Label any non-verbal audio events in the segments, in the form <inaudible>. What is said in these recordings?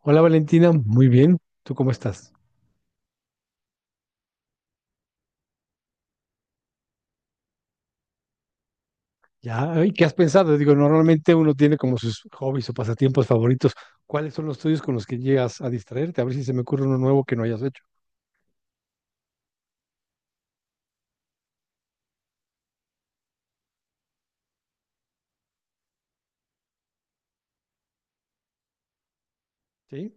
Hola Valentina, muy bien. ¿Tú cómo estás? Ya, ay, ¿qué has pensado? Digo, normalmente uno tiene como sus hobbies o pasatiempos favoritos. ¿Cuáles son los tuyos con los que llegas a distraerte? A ver si se me ocurre uno nuevo que no hayas hecho. ¿Sí?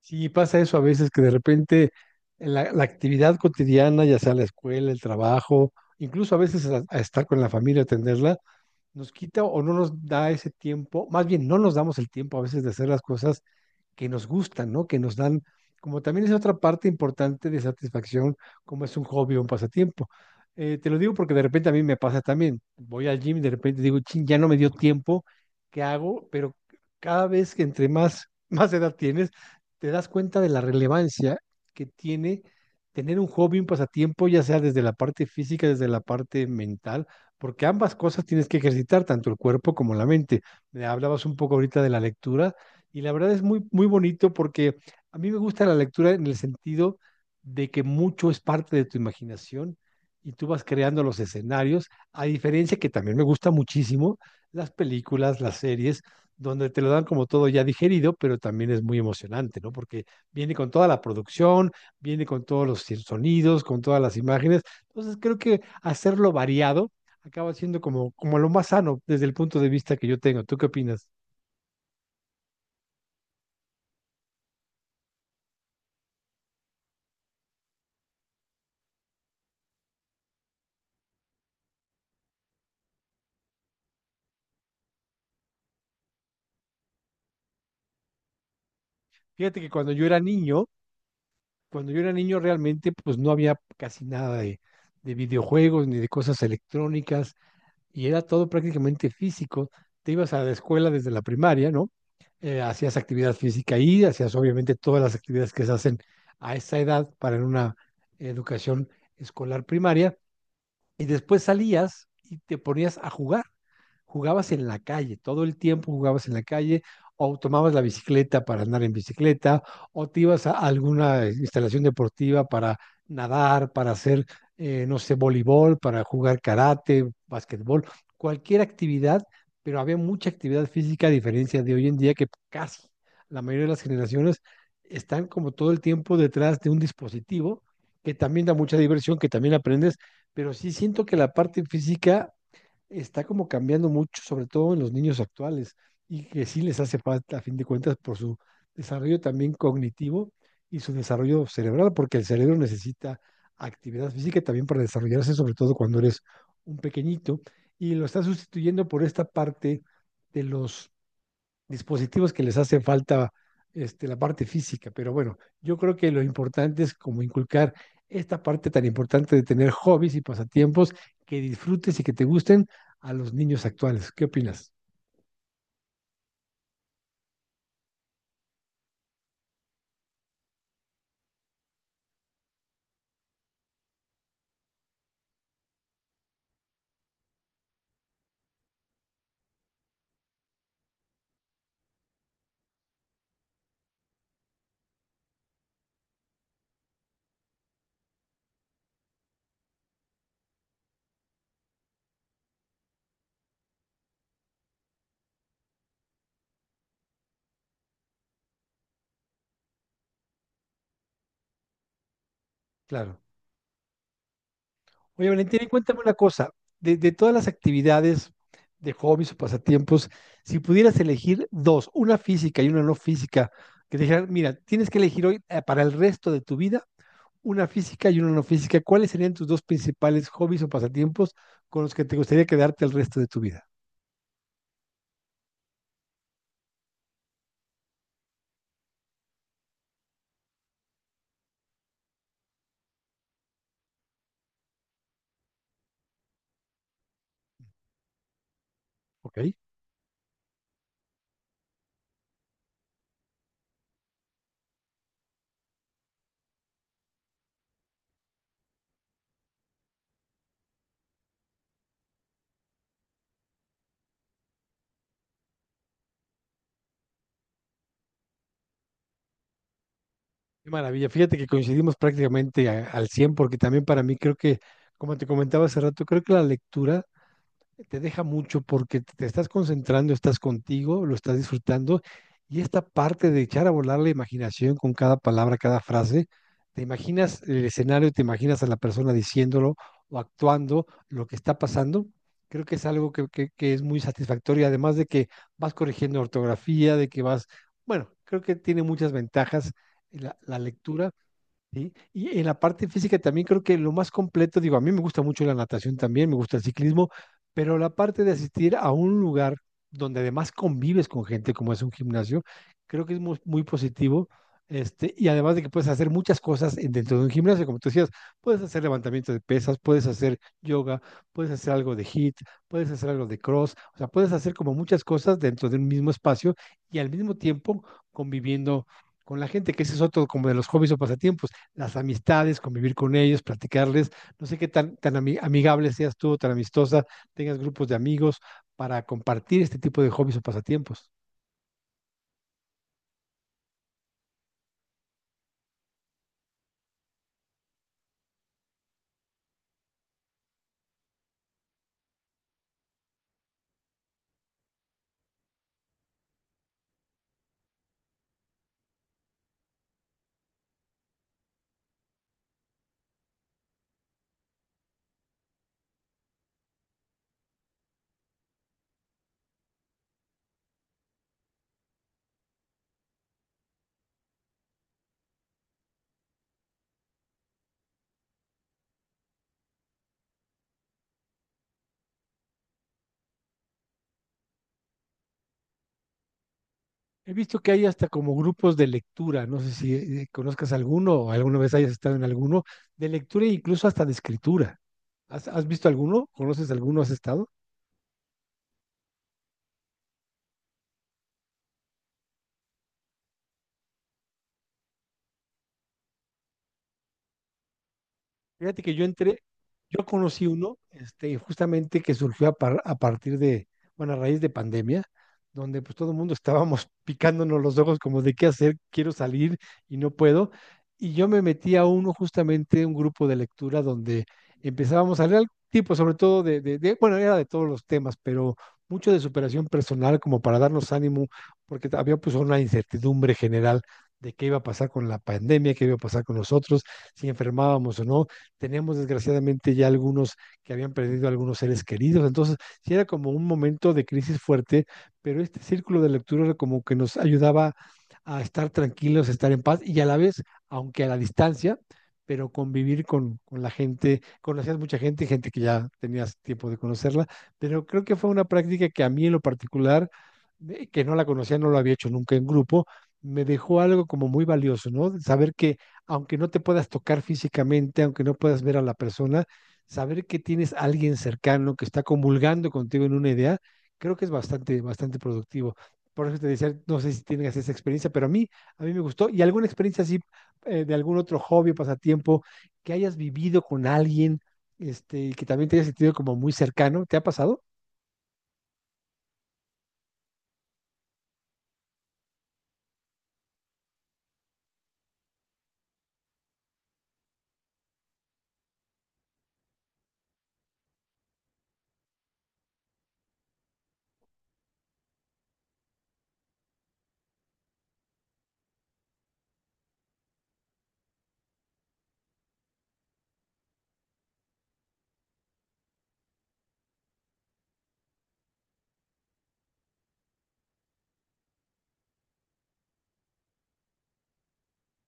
Sí, pasa eso a veces que de repente en la actividad cotidiana, ya sea la escuela, el trabajo, incluso a veces a estar con la familia, atenderla, nos quita o no nos da ese tiempo, más bien no nos damos el tiempo a veces de hacer las cosas que nos gustan, ¿no? Que nos dan, como también es otra parte importante de satisfacción, como es un hobby o un pasatiempo. Te lo digo porque de repente a mí me pasa también. Voy al gym y de repente digo, ching, ya no me dio tiempo, ¿qué hago? Pero cada vez que entre más, <laughs> más edad tienes, te das cuenta de la relevancia que tiene tener un hobby, un pasatiempo, ya sea desde la parte física, desde la parte mental, porque ambas cosas tienes que ejercitar, tanto el cuerpo como la mente. Me hablabas un poco ahorita de la lectura, y la verdad es muy, muy bonito porque a mí me gusta la lectura en el sentido de que mucho es parte de tu imaginación y tú vas creando los escenarios, a diferencia que también me gusta muchísimo las películas, las series, donde te lo dan como todo ya digerido, pero también es muy emocionante, ¿no? Porque viene con toda la producción, viene con todos los sonidos, con todas las imágenes. Entonces creo que hacerlo variado acaba siendo como lo más sano desde el punto de vista que yo tengo. ¿Tú qué opinas? Fíjate que cuando yo era niño realmente pues no había casi nada de videojuegos ni de cosas electrónicas y era todo prácticamente físico. Te ibas a la escuela desde la primaria, ¿no? Hacías actividad física ahí, hacías obviamente todas las actividades que se hacen a esa edad para en una educación escolar primaria y después salías y te ponías a jugar. Jugabas en la calle, todo el tiempo jugabas en la calle, o tomabas la bicicleta para andar en bicicleta, o te ibas a alguna instalación deportiva para nadar, para hacer, no sé, voleibol, para jugar karate, basquetbol, cualquier actividad, pero había mucha actividad física a diferencia de hoy en día que casi la mayoría de las generaciones están como todo el tiempo detrás de un dispositivo que también da mucha diversión, que también aprendes, pero sí siento que la parte física está como cambiando mucho, sobre todo en los niños actuales, y que sí les hace falta, a fin de cuentas, por su desarrollo también cognitivo y su desarrollo cerebral, porque el cerebro necesita actividad física también para desarrollarse, sobre todo cuando eres un pequeñito, y lo está sustituyendo por esta parte de los dispositivos que les hace falta la parte física, pero bueno, yo creo que lo importante es como inculcar esta parte tan importante de tener hobbies y pasatiempos que disfrutes y que te gusten a los niños actuales. ¿Qué opinas? Claro. Oye, Valentina, y cuéntame una cosa. De todas las actividades de hobbies o pasatiempos, si pudieras elegir dos, una física y una no física, que te dijeran, mira, tienes que elegir hoy para el resto de tu vida una física y una no física, ¿cuáles serían tus dos principales hobbies o pasatiempos con los que te gustaría quedarte el resto de tu vida? Ok, qué maravilla. Fíjate que coincidimos prácticamente al 100 porque también para mí creo que, como te comentaba hace rato, creo que la lectura te deja mucho porque te estás concentrando, estás contigo, lo estás disfrutando y esta parte de echar a volar la imaginación con cada palabra, cada frase, te imaginas el escenario, te imaginas a la persona diciéndolo o actuando lo que está pasando. Creo que es algo que es muy satisfactorio, además de que vas corrigiendo ortografía, de que vas, bueno, creo que tiene muchas ventajas la lectura, ¿sí? Y en la parte física también creo que lo más completo, digo, a mí me gusta mucho la natación también, me gusta el ciclismo, pero la parte de asistir a un lugar donde además convives con gente como es un gimnasio, creo que es muy, muy positivo. Y además de que puedes hacer muchas cosas dentro de un gimnasio, como tú decías, puedes hacer levantamiento de pesas, puedes hacer yoga, puedes hacer algo de hit, puedes hacer algo de cross, o sea, puedes hacer como muchas cosas dentro de un mismo espacio y al mismo tiempo conviviendo con la gente, que ese es otro como de los hobbies o pasatiempos, las amistades, convivir con ellos, platicarles. No sé qué tan, tan amigable seas tú, tan amistosa, tengas grupos de amigos para compartir este tipo de hobbies o pasatiempos. He visto que hay hasta como grupos de lectura, no sé si conozcas alguno o alguna vez hayas estado en alguno, de lectura e incluso hasta de escritura. ¿Has visto alguno? ¿Conoces alguno? ¿Has estado? Fíjate que yo entré, yo conocí uno, justamente que surgió a partir de, bueno, a raíz de pandemia, donde pues todo el mundo estábamos <laughs> picándonos los ojos como de qué hacer, quiero salir y no puedo. Y yo me metí a uno, justamente un grupo de lectura donde empezábamos a leer algún tipo, sobre todo bueno, era de todos los temas, pero mucho de superación personal como para darnos ánimo, porque había pues una incertidumbre general de qué iba a pasar con la pandemia, qué iba a pasar con nosotros, si enfermábamos o no. Teníamos desgraciadamente ya algunos que habían perdido a algunos seres queridos. Entonces, sí era como un momento de crisis fuerte, pero este círculo de lectura era como que nos ayudaba a estar tranquilos, a estar en paz y a la vez, aunque a la distancia, pero convivir con la gente, conocías mucha gente, gente que ya tenías tiempo de conocerla, pero creo que fue una práctica que a mí en lo particular, que no la conocía, no lo había hecho nunca en grupo, me dejó algo como muy valioso, ¿no? Saber que aunque no te puedas tocar físicamente, aunque no puedas ver a la persona, saber que tienes a alguien cercano que está comulgando contigo en una idea, creo que es bastante, bastante productivo. Por eso te decía, no sé si tienes esa experiencia, pero a mí me gustó. ¿Y alguna experiencia así de algún otro hobby o pasatiempo que hayas vivido con alguien, y que también te hayas sentido como muy cercano? ¿Te ha pasado?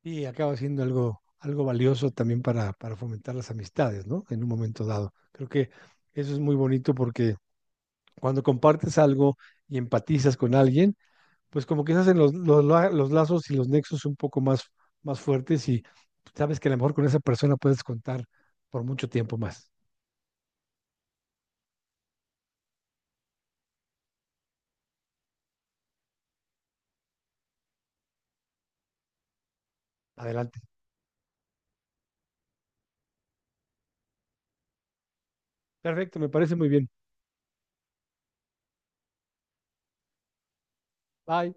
Y acaba siendo algo, algo valioso también para fomentar las amistades, ¿no? En un momento dado. Creo que eso es muy bonito porque cuando compartes algo y empatizas con alguien, pues como que se hacen los lazos y los nexos un poco más, más fuertes y sabes que a lo mejor con esa persona puedes contar por mucho tiempo más. Adelante. Perfecto, me parece muy bien. Bye.